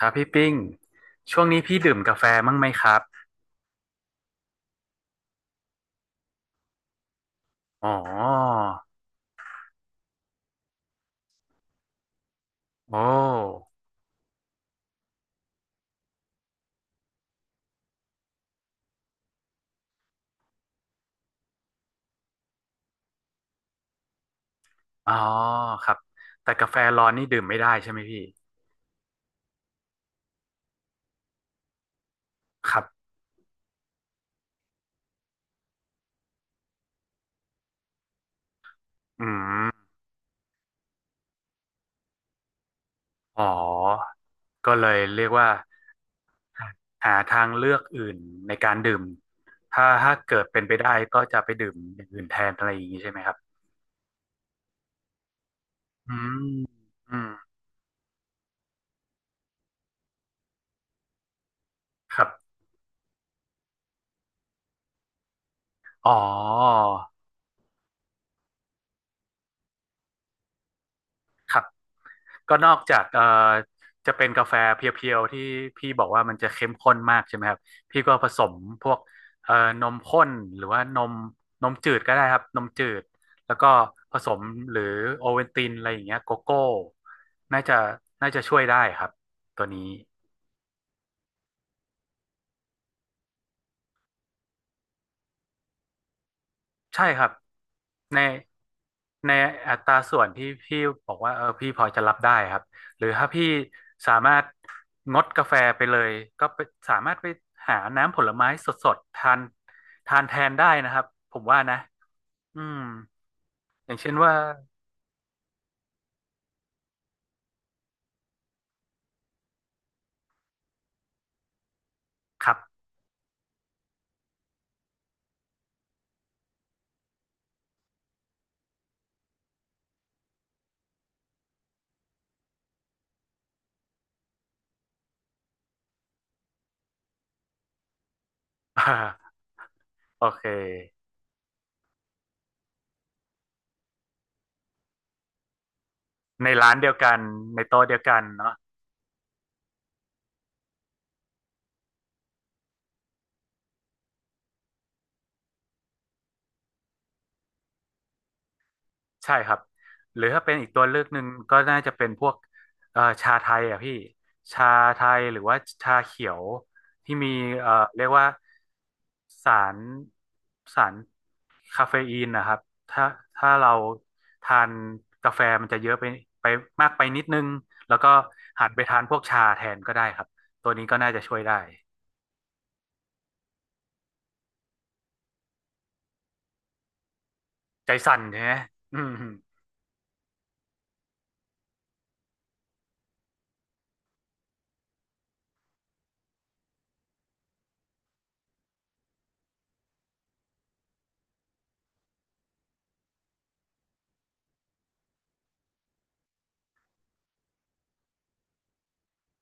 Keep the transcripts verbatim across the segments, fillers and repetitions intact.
ครับพี่ปิ้งช่วงนี้พี่ดื่มกาแฟมั้งไหมครับอ๋อโอ้อ๋อครับแต่กาแฟร้อนนี่ดื่มไม่ได้ใช่ไหมพี่ครับอืมอ๋อก็เลยเรียกว่าหาทางเลือกอื่นในการดื่มถ้าถ้าเกิดเป็นไปได้ก็จะไปดื่มอย่างอื่นแทนอะไรอย่างนี้ใช่ไหมครับอืมอืมครับอ๋อครับ ก็นอกจากเอ่อจะเป็นกาแฟเพียวๆที่พี่บอกว่ามันจะเข้มข้นมากใช่ไหมครับพี่ก็ผสมพวกเอ่อนมข้นหรือว่านมนมจืดก็ได้ครับนมจืดแล้วก็ผสมหรือโอเวนตินอะไรอย่างเงี้ยโกโก้น่าจะน่าจะช่วยได้ครับตัวนี้ ใช่ครับในในอัตราส่วนที่พี่บอกว่าเออพี่พอจะรับได้ครับหรือถ้าพี่สามารถงดกาแฟไปเลยก็ไปสามารถไปหาน้ำผลไม้สดๆทานทานแทนได้นะครับผมว่านะอืมอย่างเช่นว่าครับ โอเคในร้านเดียวกันในโต๊ะเดียวกันเนาะ ใช่ครับหรือถ้าเป็นอีกตัวเลือกหนึ่งก็น่าจะเป็นพวกเอ่อชาไทยอ่ะพี่ชาไทยหรือว่าชาเขียวที่มีเอ่อเรียกว่าสารสารคาเฟอีนนะครับถ้าถ้าเราทานกาแฟมันจะเยอะไปไปมากไปนิดนึงแล้วก็หันไปทานพวกชาแทนก็ได้ครับตัวนี้ก็น่าจะช่วยได้ใจสั่นใช่ไหมอืม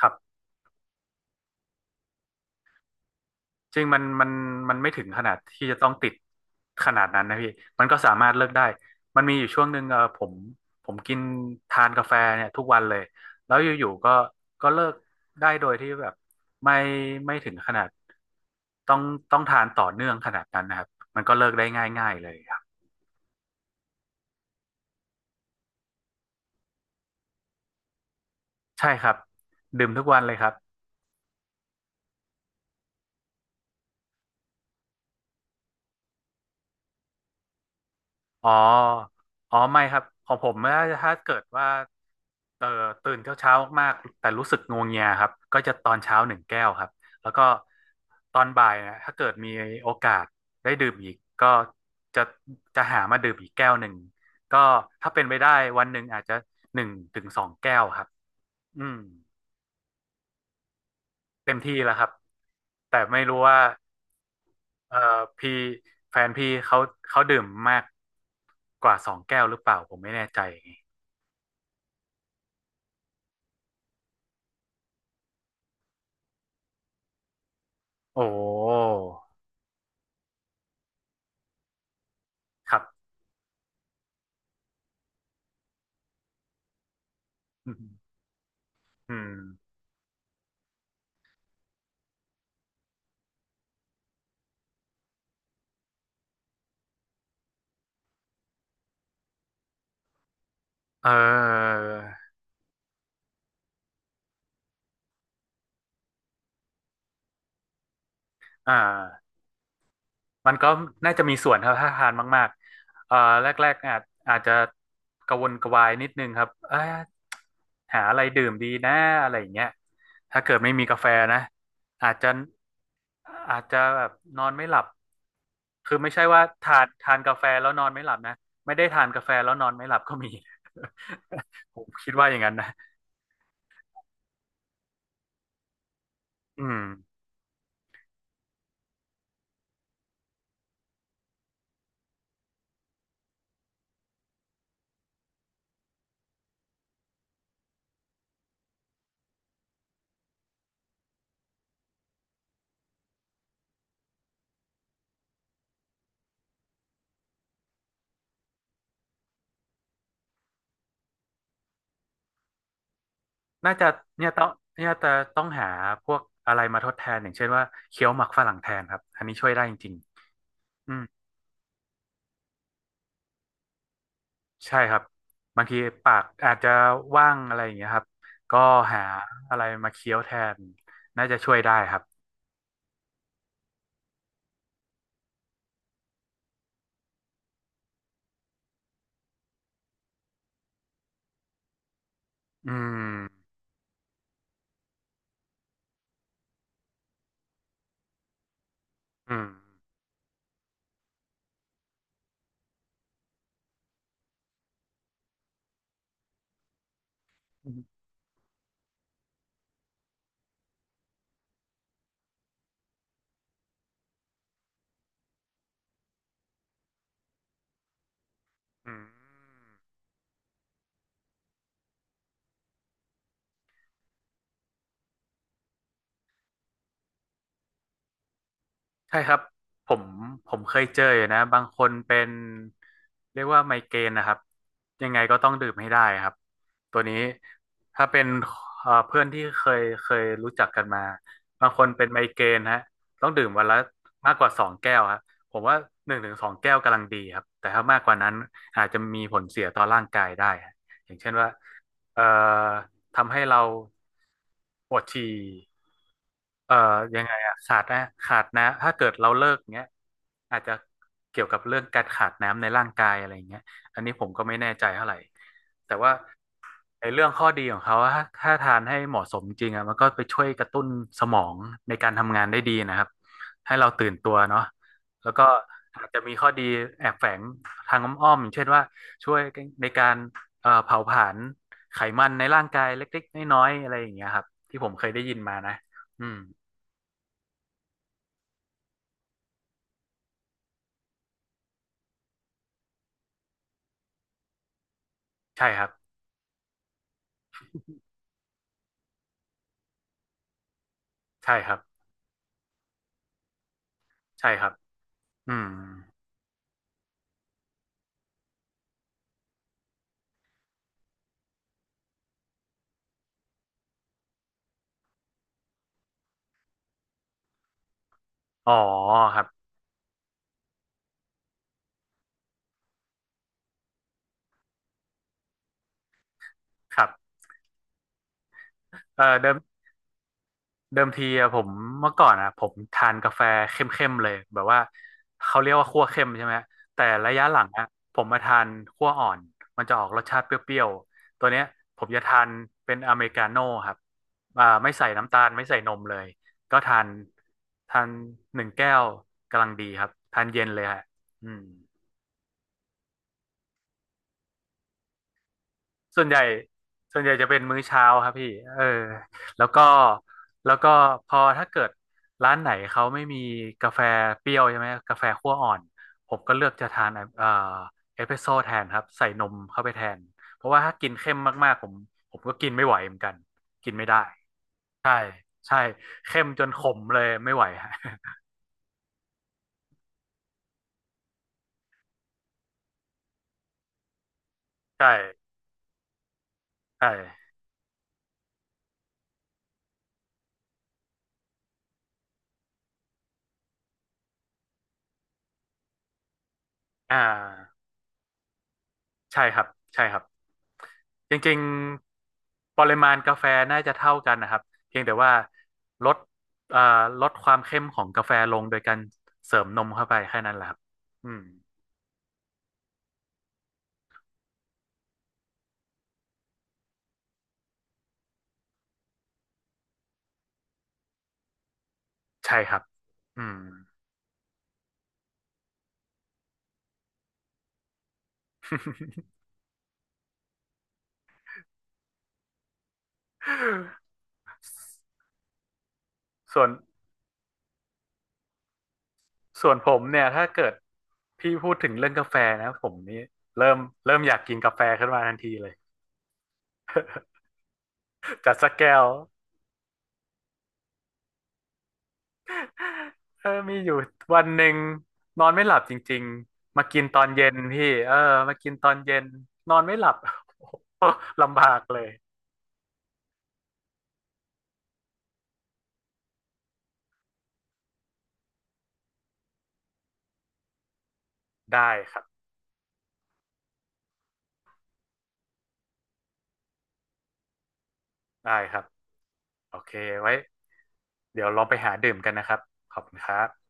ครับ จริงมันมันมันไม่ถึงขนาดที่จะต้องติดขนาดนั้นนะพี่มันก็สามารถเลิกได้มันมีอยู่ช่วงหนึ่งเออผมผมกินทานกาแฟเนี่ยทุกวันเลยแล้วอยู่ๆก็ก็เลิกได้โดยที่แบบไม่ไม่ถึงขนาดต้องต้องทานต่อเนื่องขนาดนั้นนะครับมันก็เลิกได้ง่ายๆเลยครับใช่ครับดื่มทุกวันเลยครับ อ๋ออ๋อไม่ครับของผมถ้าถ้าเกิดว่าเอ่อตื่นเช้าเช้ามากๆแต่รู้สึกงัวเงียครับ ก็จะตอนเช้าหนึ่งแก้วครับ แล้วก็ตอนบ่ายนะถ้าเกิดมีโอกาสได้ดื่มอีกก็จะจะหามาดื่มอีกแก้วหนึ่งก็ถ้าเป็นไปได้วันหนึ่งอาจจะหนึ่งถึงสองแก้วครับ อืมเต็มที่แล้วครับ แต่ไม่รู้ว่าเอ่อพี่แฟนพี่เขาเขาดื่มมากกว่าสองแก้วหรือเปล่าผมไม่แน่ใจ โอ้ครับอืมอืมเอออ่ามันก็น่าจะมีส่วนครับถ้าทานมากๆเอ่อแรกๆอาจอาจจะกระวนกระวายนิดนึงครับเอยหาอะไรดื่มดีนะอะไรอย่างเงี้ยถ้าเกิดไม่มีกาแฟนะอาจจะอาจจะแบบนอนไม่หลับคือไม่ใช่ว่าทานทานกาแฟแล้วนอนไม่หลับนะไม่ได้ทานกาแฟแล้วนอนไม่หลับก็มี ผมคิดว่าอย่างนั้นนะอืม น่าจะเนี่ยต้องเนี่ยจะต้องหาพวกอะไรมาทดแทนอย่างเช่นว่าเคี้ยวหมักฝรั่งแทนครับอันนี้ช่วยได้จริงๆอืมใช่ครับบางทีปากอาจจะว่างอะไรอย่างเงี้ยครับก็หาอะไรมาเคี้ยวแทนน่าจะช่วยได้ครับอืมอืมอืม ใช่ครับผมผมเคยเจออยู่นะบางคนเป็นเรียกว่าไมเกรนนะครับยังไงก็ต้องดื่มให้ได้ครับตัวนี้ถ้าเป็นเอ่อเพื่อนที่เคยเคยรู้จักกันมาบางคนเป็นไมเกรนฮะต้องดื่มวันละมากกว่าสองแก้วครับผมว่าหนึ่งถึงสองแก้วกำลังดีครับแต่ถ้ามากกว่านั้นอาจจะมีผลเสียต่อร่างกายได้ฮะอย่างเช่นว่าเอ่อทำให้เราปวดฉี่ เอ่อยังไงอะขาดนะขาดนะถ้าเกิดเราเลิกเงี้ยอาจจะเกี่ยวกับเรื่องการขาดน้ำในร่างกายอะไรเงี้ยอันนี้ผมก็ไม่แน่ใจเท่าไหร่แต่ว่าในเรื่องข้อดีของเขาถ้าถ้าทานให้เหมาะสมจริงอะมันก็ไปช่วยกระตุ้นสมองในการทำงานได้ดีนะครับให้เราตื่นตัวเนาะแล้วก็อาจจะมีข้อดีแอบแฝงทางอ้อมๆอย่างเช่นว่าช่วยในการเอ่อเผาผลาญไขมันในร่างกายเล็กๆน้อยๆอะไรอย่างเงี้ยครับที่ผมเคยได้ยินมานะอืม ใช่ครับใช่ครับใช่ครับอืมอ๋อครับครับเอ่อเดิมเดิมทีอะผมเมื่อก่อนอะผมทานกาแฟเข้มๆเลยแบบว่าเขาเรียกว่าคั่วเข้มใช่ไหมแต่ระยะหลังอะผมมาทานคั่วอ่อนมันจะออกรสชาติเปรี้ยวๆตัวเนี้ยผมจะทานเป็นอเมริกาโน่ครับอ่าไม่ใส่น้ำตาลไม่ใส่นมเลยก็ทานทานหนึ่งแก้วกำลังดีครับทานเย็นเลยฮะอืม ส่วนใหญ่ส่วนใหญ่จะเป็นมื้อเช้าครับพี่เออแล้วก็แล้วก็พอถ้าเกิดร้านไหนเขาไม่มีกาแฟเปรี้ยวใช่ไหมกาแฟคั่วอ่อนผมก็เลือกจะทานเอ่อเอสเปรสโซ่แทนครับใส่นมเข้าไปแทนเพราะว่าถ้ากินเข้มมากๆผมผมก็กินไม่ไหวเหมือนกันกินไม่ได้ใช่ใช่เข้มจนขมเลยไม่ไหว ฮะใช่ใช่อ่า ใช่ครับใช่ครับจริงๆปริมาณกาแฟน่าจะเท่ากันนะครับเพียงแต่ว่าลดเอ่อลดความเข้มของกาแฟลงโดยการเสริมนมเข้าไปแค่นั้นแหละครับอืมใช่ครับอืม ส่วนส่วนผมเนี่ยถ้าเกิดพี่พูดถึงเรื่องกาแฟนะผมนี่เริ่มเริ่มอยากกินกาแฟขึ้นมาทันทีเลย จัดสักแก้ว เออมีอยู่วันหนึ่งนอนไม่หลับจริงๆมากินตอนเย็นพี่เออมากินตอนเย็นนอนไม่หลับ ลำบากเลยได้ครับได้ครับโอเคไว้เดี๋ยวลองไปหาดื่มกันนะครับขอบคุณครับ